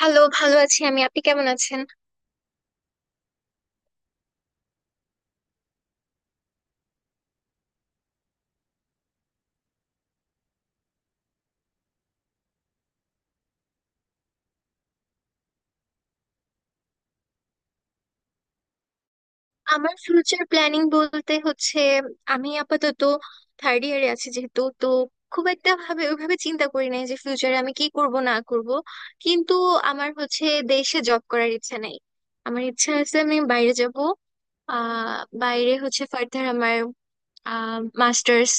Hello, ভালো আছি আমি। আপনি কেমন আছেন? আমার ফিউচার প্ল্যানিং বলতে হচ্ছে, আমি আপাতত থার্ড ইয়ারে আছি যেহেতু, তো খুব একটা ভাবে ওইভাবে চিন্তা করি নাই যে ফিউচারে আমি কি করব না করব। কিন্তু আমার হচ্ছে দেশে জব করার ইচ্ছা নাই। আমার ইচ্ছা আছে আমি বাইরে যাব। আহ বাইরে হচ্ছে ফার্দার আমার মাস্টার্স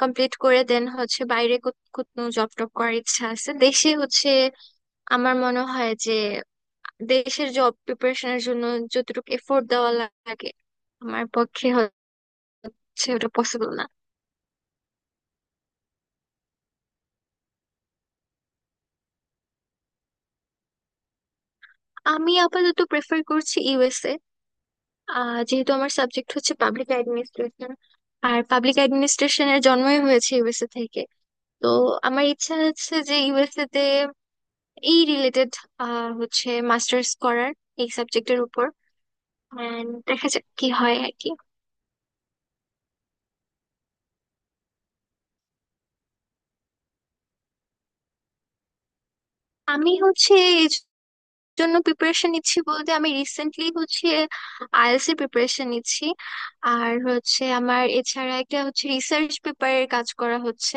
কমপ্লিট করে দেন হচ্ছে বাইরে কোথাও জব টব করার ইচ্ছা আছে। দেশে হচ্ছে আমার মনে হয় যে দেশের জব প্রিপারেশনের জন্য যতটুকু এফোর্ট দেওয়া লাগে, আমার পক্ষে হচ্ছে ওটা পসিবল না। আমি আপাতত প্রেফার করছি ইউএসএ। যেহেতু আমার সাবজেক্ট হচ্ছে পাবলিক অ্যাডমিনিস্ট্রেশন, আর পাবলিক অ্যাডমিনিস্ট্রেশনের জন্মই হয়েছে ইউএসএ থেকে। তো আমার ইচ্ছা আছে যে ইউএসএ তে এই রিলেটেড হচ্ছে মাস্টার্স করার এই সাবজেক্টের উপর। And দেখা যাক কি হয় আর কি। আমি হচ্ছে এই জন্য প্রিপারেশন নিচ্ছি বলতে আমি রিসেন্টলি হচ্ছে আইএলটিএস এর প্রিপারেশন নিচ্ছি। আর হচ্ছে আমার এছাড়া একটা হচ্ছে রিসার্চ পেপারের কাজ করা হচ্ছে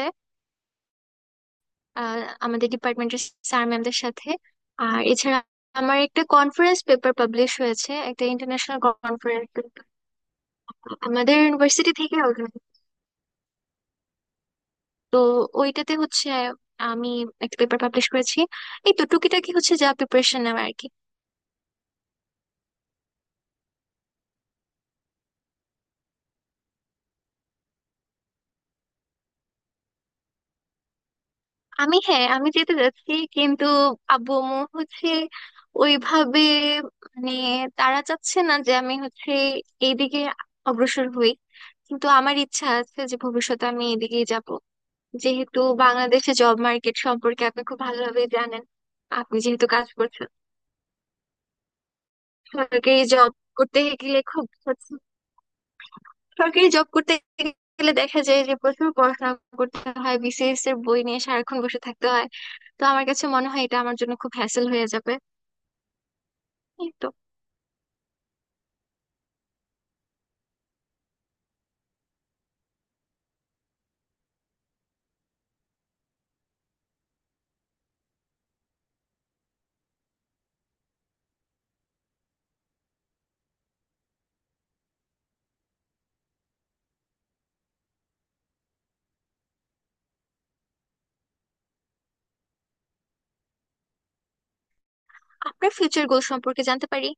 আহ, আমাদের ডিপার্টমেন্টের স্যার ম্যামদের সাথে। আর এছাড়া আমার একটা কনফারেন্স পেপার পাবলিশ হয়েছে, একটা ইন্টারন্যাশনাল কনফারেন্স আমাদের ইউনিভার্সিটি থেকে organize। তো ওইটাতে হচ্ছে আমি একটা পেপার পাবলিশ করেছি। এই তো টুকিটাকি হচ্ছে যা প্রিপারেশন নেওয়া আর কি। হ্যাঁ আমি যেতে যাচ্ছি কিন্তু আব্বু আম্মু হচ্ছে ওইভাবে মানে তারা চাচ্ছে না যে আমি হচ্ছে এইদিকে অগ্রসর হই। কিন্তু আমার ইচ্ছা আছে যে ভবিষ্যতে আমি এদিকেই যাব। যেহেতু বাংলাদেশে জব মার্কেট সম্পর্কে আপনি খুব ভালোভাবে জানেন, আপনি যেহেতু কাজ করছেন। সরকারি জব করতে গেলে খুব সরকারি জব করতে গেলে দেখা যায় যে প্রচুর পড়াশোনা করতে হয়, বিসিএস এর বই নিয়ে সারাক্ষণ বসে থাকতে হয়। তো আমার কাছে মনে হয় এটা আমার জন্য খুব হ্যাসেল হয়ে যাবে। এই তো। আপনার ফিউচার গোল সম্পর্কে জানতে পারি?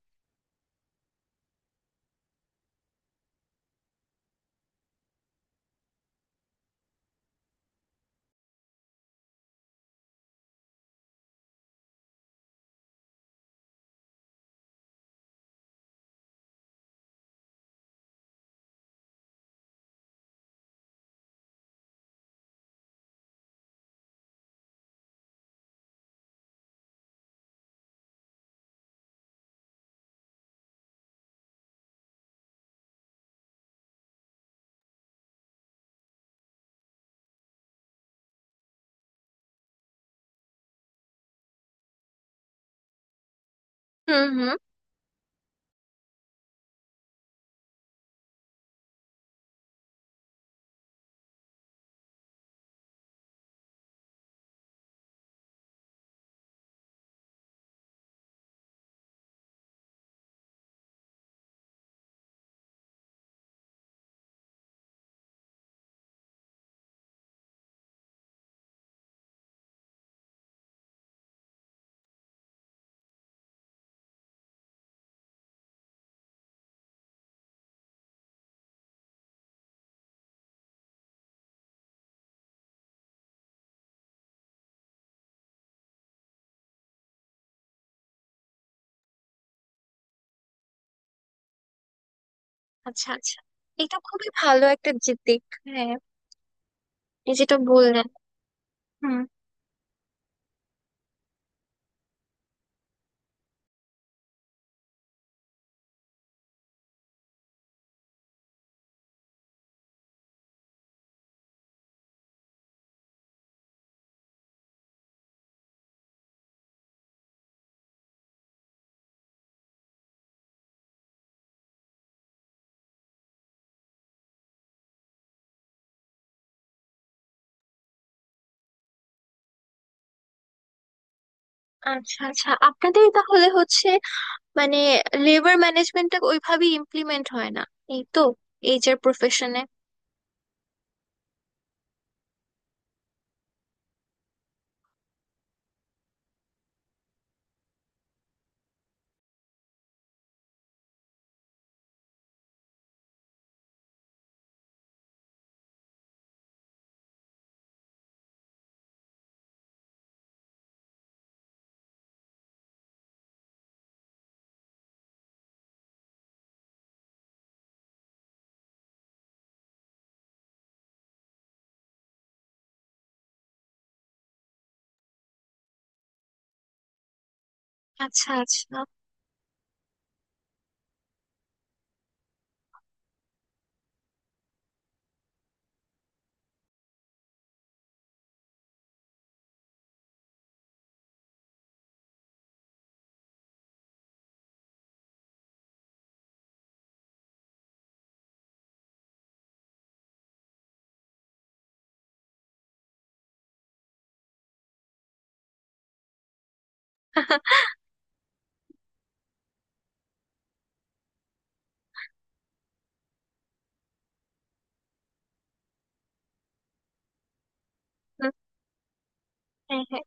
হুম হুম। আচ্ছা আচ্ছা, এটা খুবই ভালো একটা যে দিক, হ্যাঁ। এই যেটা বললেন। হুম। আচ্ছা আচ্ছা, আপনাদের তাহলে হচ্ছে মানে লেবার ম্যানেজমেন্টটা ওইভাবেই ইমপ্লিমেন্ট হয় না, এই তো, এইচআর প্রফেশনে। আচ্ছা আচ্ছা। হুম। হ্যাঁ হ্যাঁ।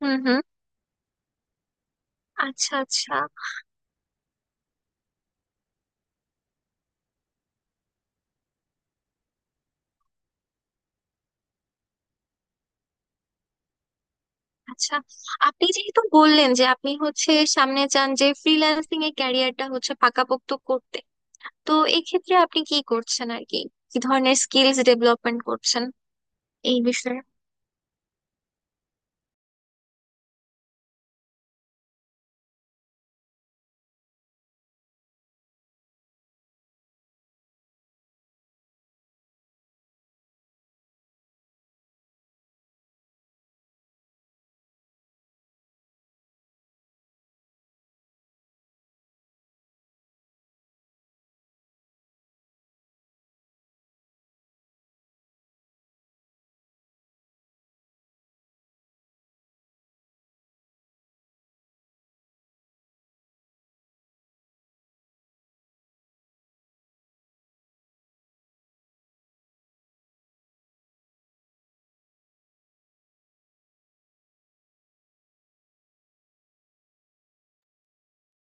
হুম হুম। আচ্ছা আচ্ছা। আচ্ছা, আপনি যেহেতু বললেন যে আপনি হচ্ছে সামনে চান যে ফ্রিল্যান্সিং এর ক্যারিয়ারটা হচ্ছে পাকাপোক্ত করতে, তো এক্ষেত্রে আপনি কি করছেন আর কি, কি ধরনের স্কিলস ডেভেলপমেন্ট করছেন এই বিষয়ে?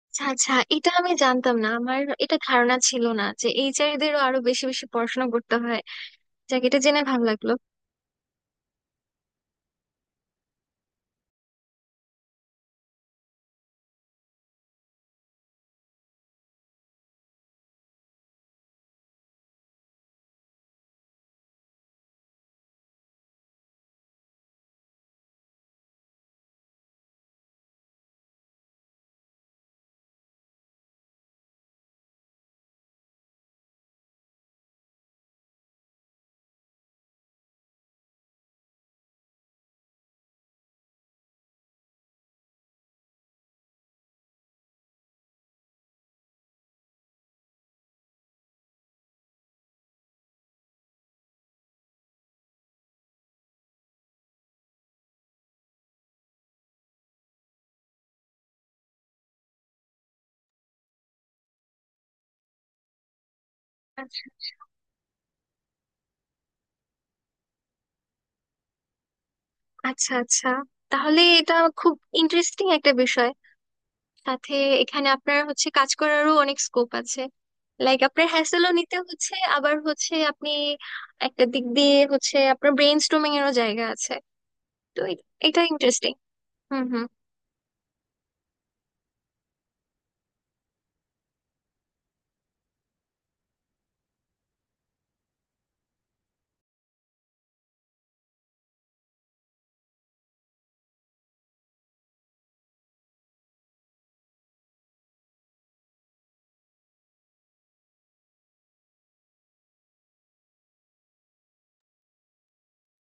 আচ্ছা আচ্ছা, এটা আমি জানতাম না। আমার এটা ধারণা ছিল না যে এইচআর দেরও আরো বেশি বেশি পড়াশোনা করতে হয়। যাক, এটা জেনে ভালো লাগলো। আচ্ছা আচ্ছা, তাহলে এটা খুব ইন্টারেস্টিং একটা বিষয়। সাথে এখানে আপনার হচ্ছে কাজ করারও অনেক স্কোপ আছে। লাইক আপনার হ্যাসেলও নিতে হচ্ছে, আবার হচ্ছে আপনি একটা দিক দিয়ে হচ্ছে আপনার ব্রেন স্টর্মিং এরও জায়গা আছে। তো এটা ইন্টারেস্টিং। হুম হুম।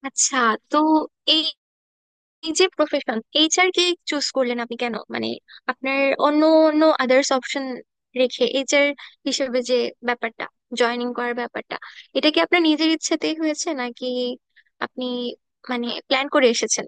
আচ্ছা, তো এই এই যে প্রফেশন এইচআর কে চুজ করলেন আপনি কেন, মানে আপনার অন্য অন্য আদার্স অপশন রেখে এইচআর হিসেবে যে ব্যাপারটা, জয়েনিং করার ব্যাপারটা, এটা কি আপনার নিজের ইচ্ছেতেই হয়েছে নাকি আপনি মানে প্ল্যান করে এসেছেন?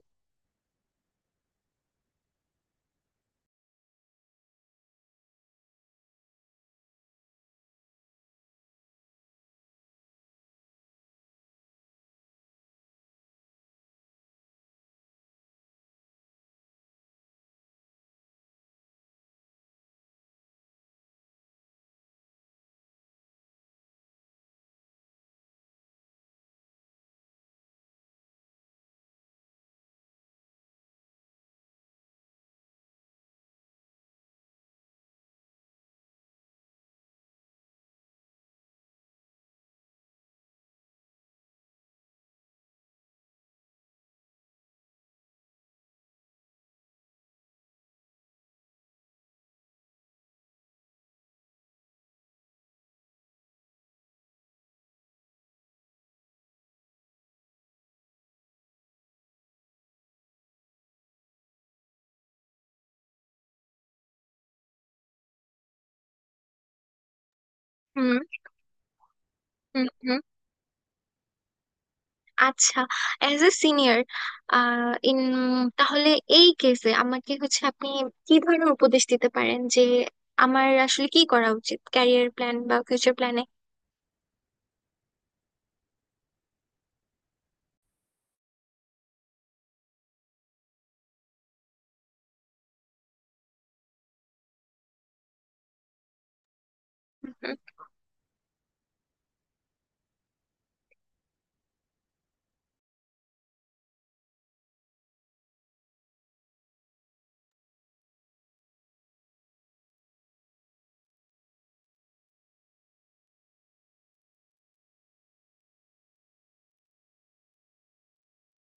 হুম হুম হুম। আচ্ছা, অ্যাজ এ সিনিয়র ইন, তাহলে এই কেসে আমাকে হচ্ছে আপনি কি ধরনের উপদেশ দিতে পারেন যে আমার আসলে কি করা উচিত ক্যারিয়ার প্ল্যান বা ফিউচার প্ল্যানে? হুম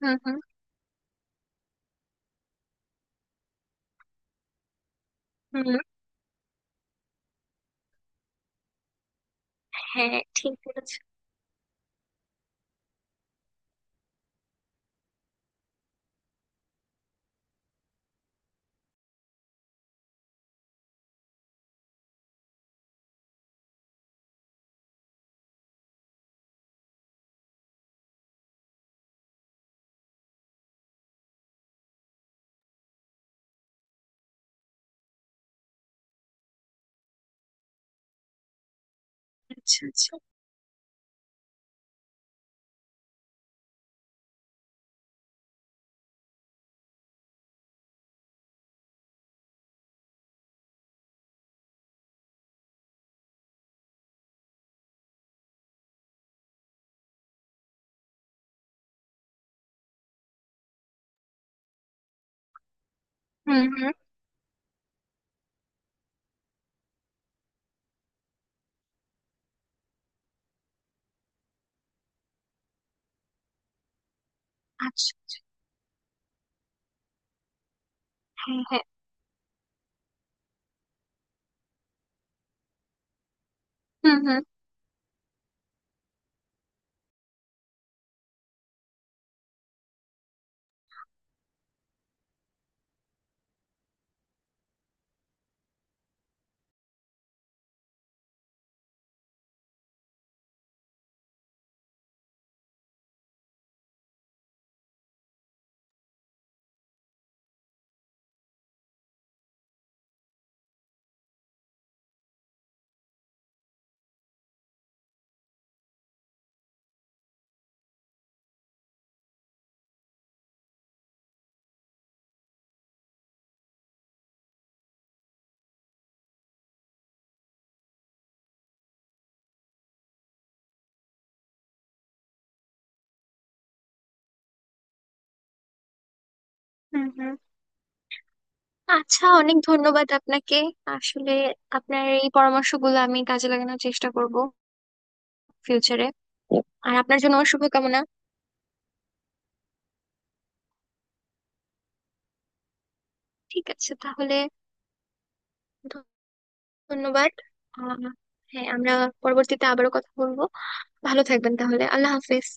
হুম। হুম হুম। হ্যাঁ, ঠিক বলেছেন। আচ্ছা আচ্ছা। হুম হুম। আচ্ছা। হ্যাঁ হ্যাঁ। হুম হুম। হুম হুম। আচ্ছা, অনেক ধন্যবাদ আপনাকে। আসলে আপনার এই পরামর্শগুলো আমি কাজে লাগানোর চেষ্টা করব ফিউচারে। আর আপনার জন্য শুভকামনা। ঠিক আছে তাহলে। ধন্যবাদ। আহ হ্যাঁ, আমরা পরবর্তীতে আবারও কথা বলবো। ভালো থাকবেন তাহলে। আল্লাহ হাফেজ।